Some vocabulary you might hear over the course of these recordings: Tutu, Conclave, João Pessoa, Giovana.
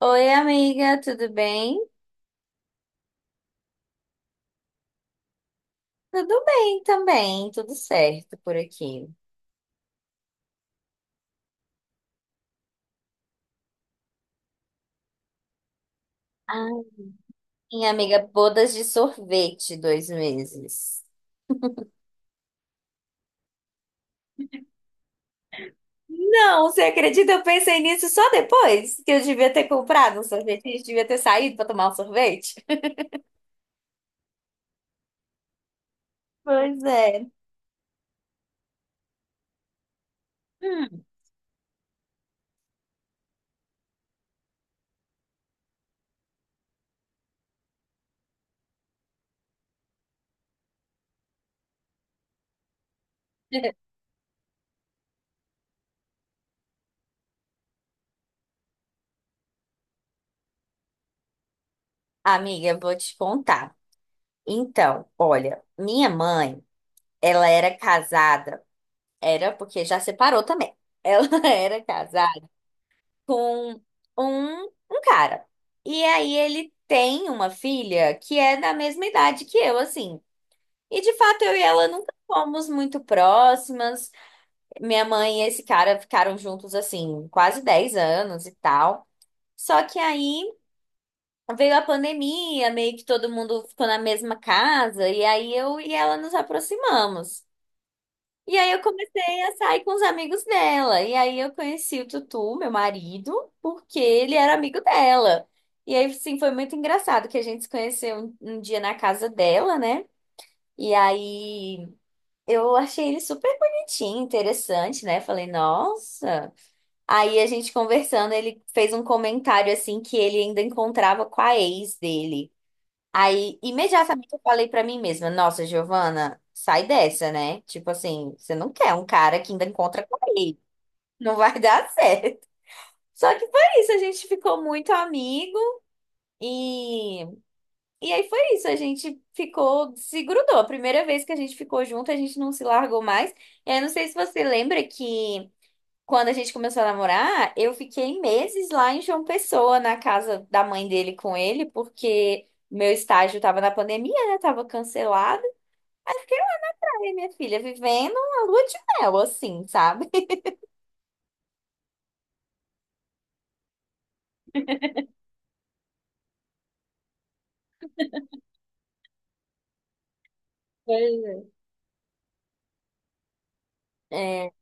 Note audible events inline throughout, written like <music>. Oi, amiga, tudo bem? Tudo bem também, tudo certo por aqui. Ai, minha amiga, bodas de sorvete, 2 meses. Não, você acredita? Eu pensei nisso só depois que eu devia ter comprado um sorvete, a gente devia ter saído para tomar um sorvete. Pois é. Hum. <laughs> Amiga, eu vou te contar. Então, olha, minha mãe, ela era casada, era porque já separou também. Ela <laughs> era casada com um cara. E aí ele tem uma filha que é da mesma idade que eu, assim. E de fato eu e ela nunca fomos muito próximas. Minha mãe e esse cara ficaram juntos, assim, quase 10 anos e tal. Só que aí veio a pandemia, meio que todo mundo ficou na mesma casa, e aí eu e ela nos aproximamos. E aí eu comecei a sair com os amigos dela. E aí eu conheci o Tutu, meu marido, porque ele era amigo dela. E aí, sim, foi muito engraçado que a gente se conheceu um dia na casa dela, né? E aí eu achei ele super bonitinho, interessante, né? Falei, nossa. Aí a gente conversando, ele fez um comentário assim que ele ainda encontrava com a ex dele. Aí, imediatamente eu falei pra mim mesma, nossa, Giovana, sai dessa, né? Tipo assim, você não quer um cara que ainda encontra com ele. Não vai <laughs> dar certo. Só que foi isso, a gente ficou muito amigo e e aí foi isso, a gente ficou, se grudou. A primeira vez que a gente ficou junto, a gente não se largou mais. Eu não sei se você lembra que quando a gente começou a namorar, eu fiquei meses lá em João Pessoa, na casa da mãe dele com ele, porque meu estágio tava na pandemia, né? Tava cancelado. Aí minha filha vivendo a lua de mel, assim, sabe? Pois é. É.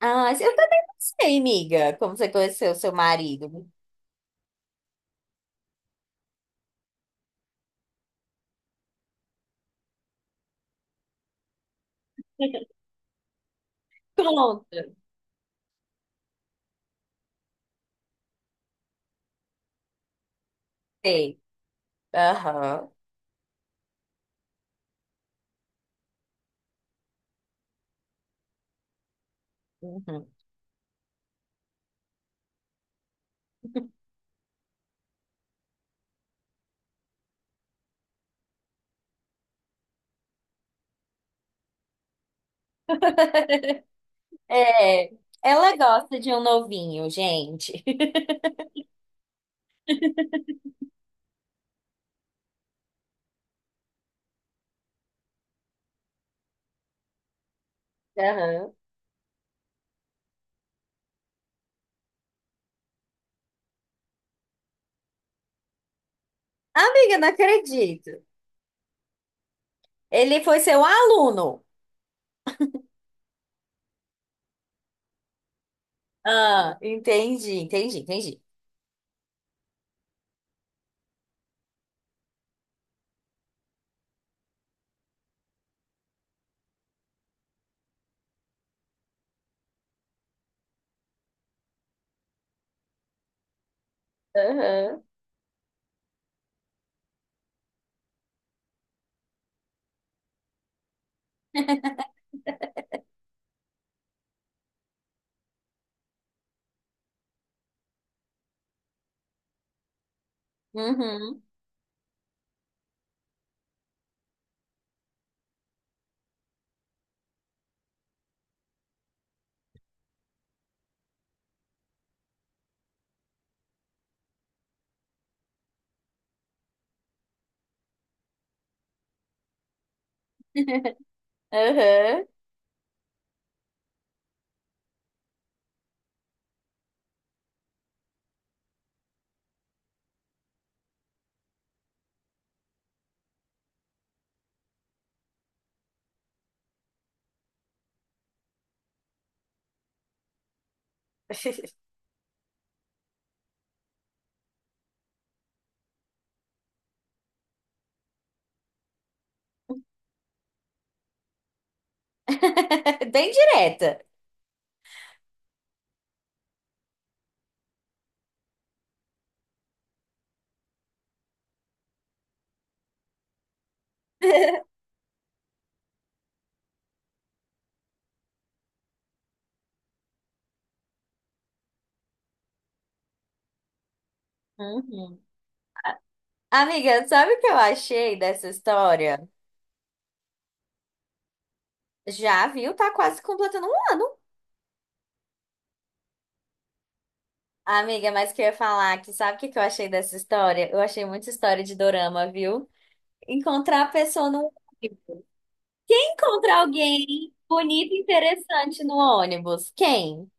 Ah, eu também não sei, amiga, como você conheceu seu marido. <laughs> Conta. Sei. Aham. Uhum. É, ela gosta de um novinho, gente. <laughs> Aham. Amiga, não acredito. Ele foi seu aluno. Ah, entendi, entendi, entendi. Aham, Uhum, aham. <laughs> Bem direta. Uhum. Amiga, sabe o que eu achei dessa história? Já viu? Tá quase completando um ano. Amiga, mas que eu ia falar que sabe o que que eu achei dessa história? Eu achei muita história de dorama, viu? Encontrar a pessoa no ônibus. Encontrar alguém bonito e interessante no ônibus. Quem?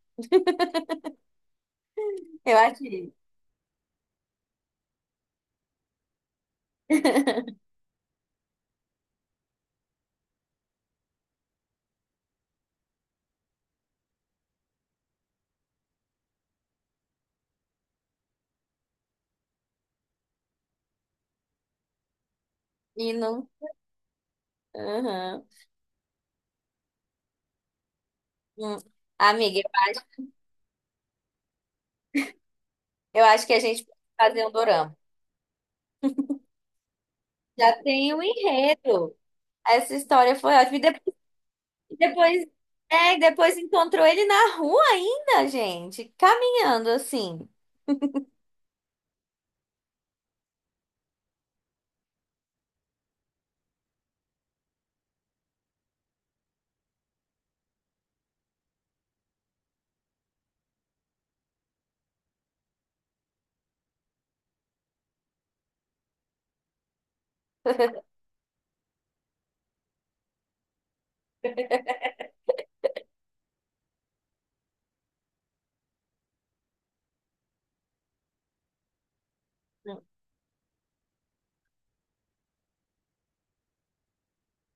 Eu achei. E não. Uhum. Hum. Amiga, eu acho que a gente pode fazer um dorama. Já tem o enredo. Essa história foi ótima. E depois, depois, é, e depois encontrou ele na rua ainda, gente, caminhando assim.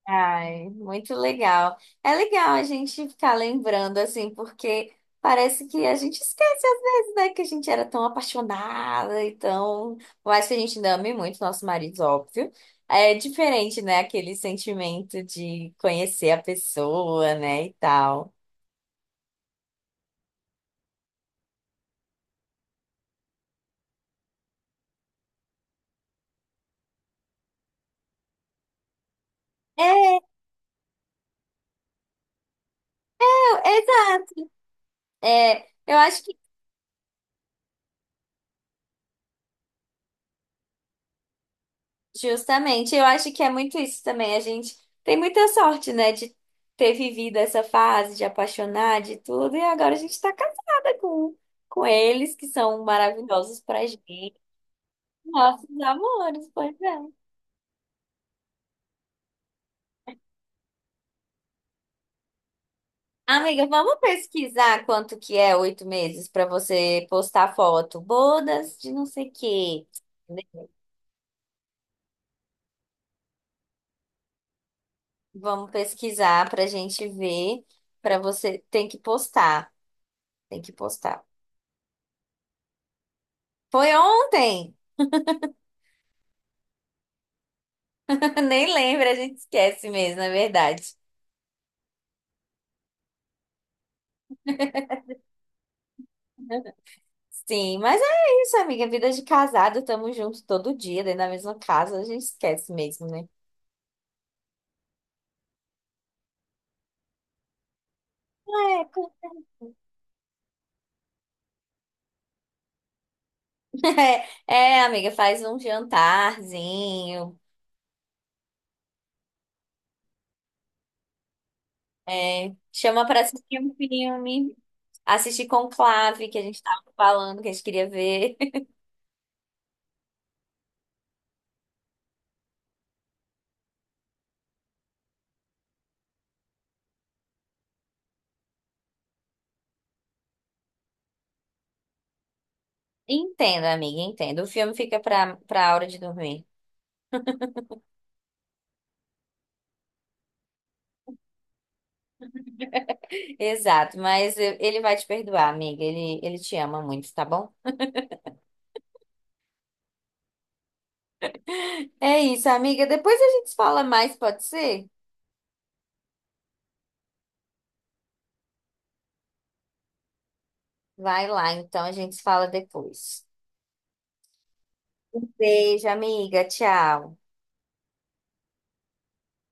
Ai, muito legal. É legal a gente ficar lembrando assim, porque parece que a gente esquece às vezes, né, que a gente era tão apaixonada e tão, por mais que a gente ainda ame muito nossos maridos, óbvio. É diferente, né, aquele sentimento de conhecer a pessoa, né, e tal. É, é, exato. É, eu acho que, justamente, eu acho que é muito isso também. A gente tem muita sorte, né, de ter vivido essa fase, de apaixonar, de tudo, e agora a gente tá casada com eles, que são maravilhosos pra gente. Nossos amores, pois é. Amiga, vamos pesquisar quanto que é 8 meses pra você postar foto. Bodas de não sei o quê. Vamos pesquisar pra gente ver, pra você tem que postar. Tem que postar. Foi ontem! <laughs> Nem lembro, a gente esquece mesmo, na verdade. Sim, mas é isso, amiga. Vida de casado, tamo junto todo dia, dentro da mesma casa, a gente esquece mesmo, né? É, com- <laughs> é, amiga, faz um jantarzinho, é, chama pra assistir um filme, assistir Conclave, que a gente tava falando, que a gente queria ver. <laughs> Entendo, amiga, entendo. O filme fica pra, pra hora de dormir. Exato, ele vai te perdoar, amiga. Ele te ama muito, tá bom? É isso, amiga. Depois a gente fala mais, pode ser? Vai lá, então a gente fala depois. Beijo, amiga. Tchau.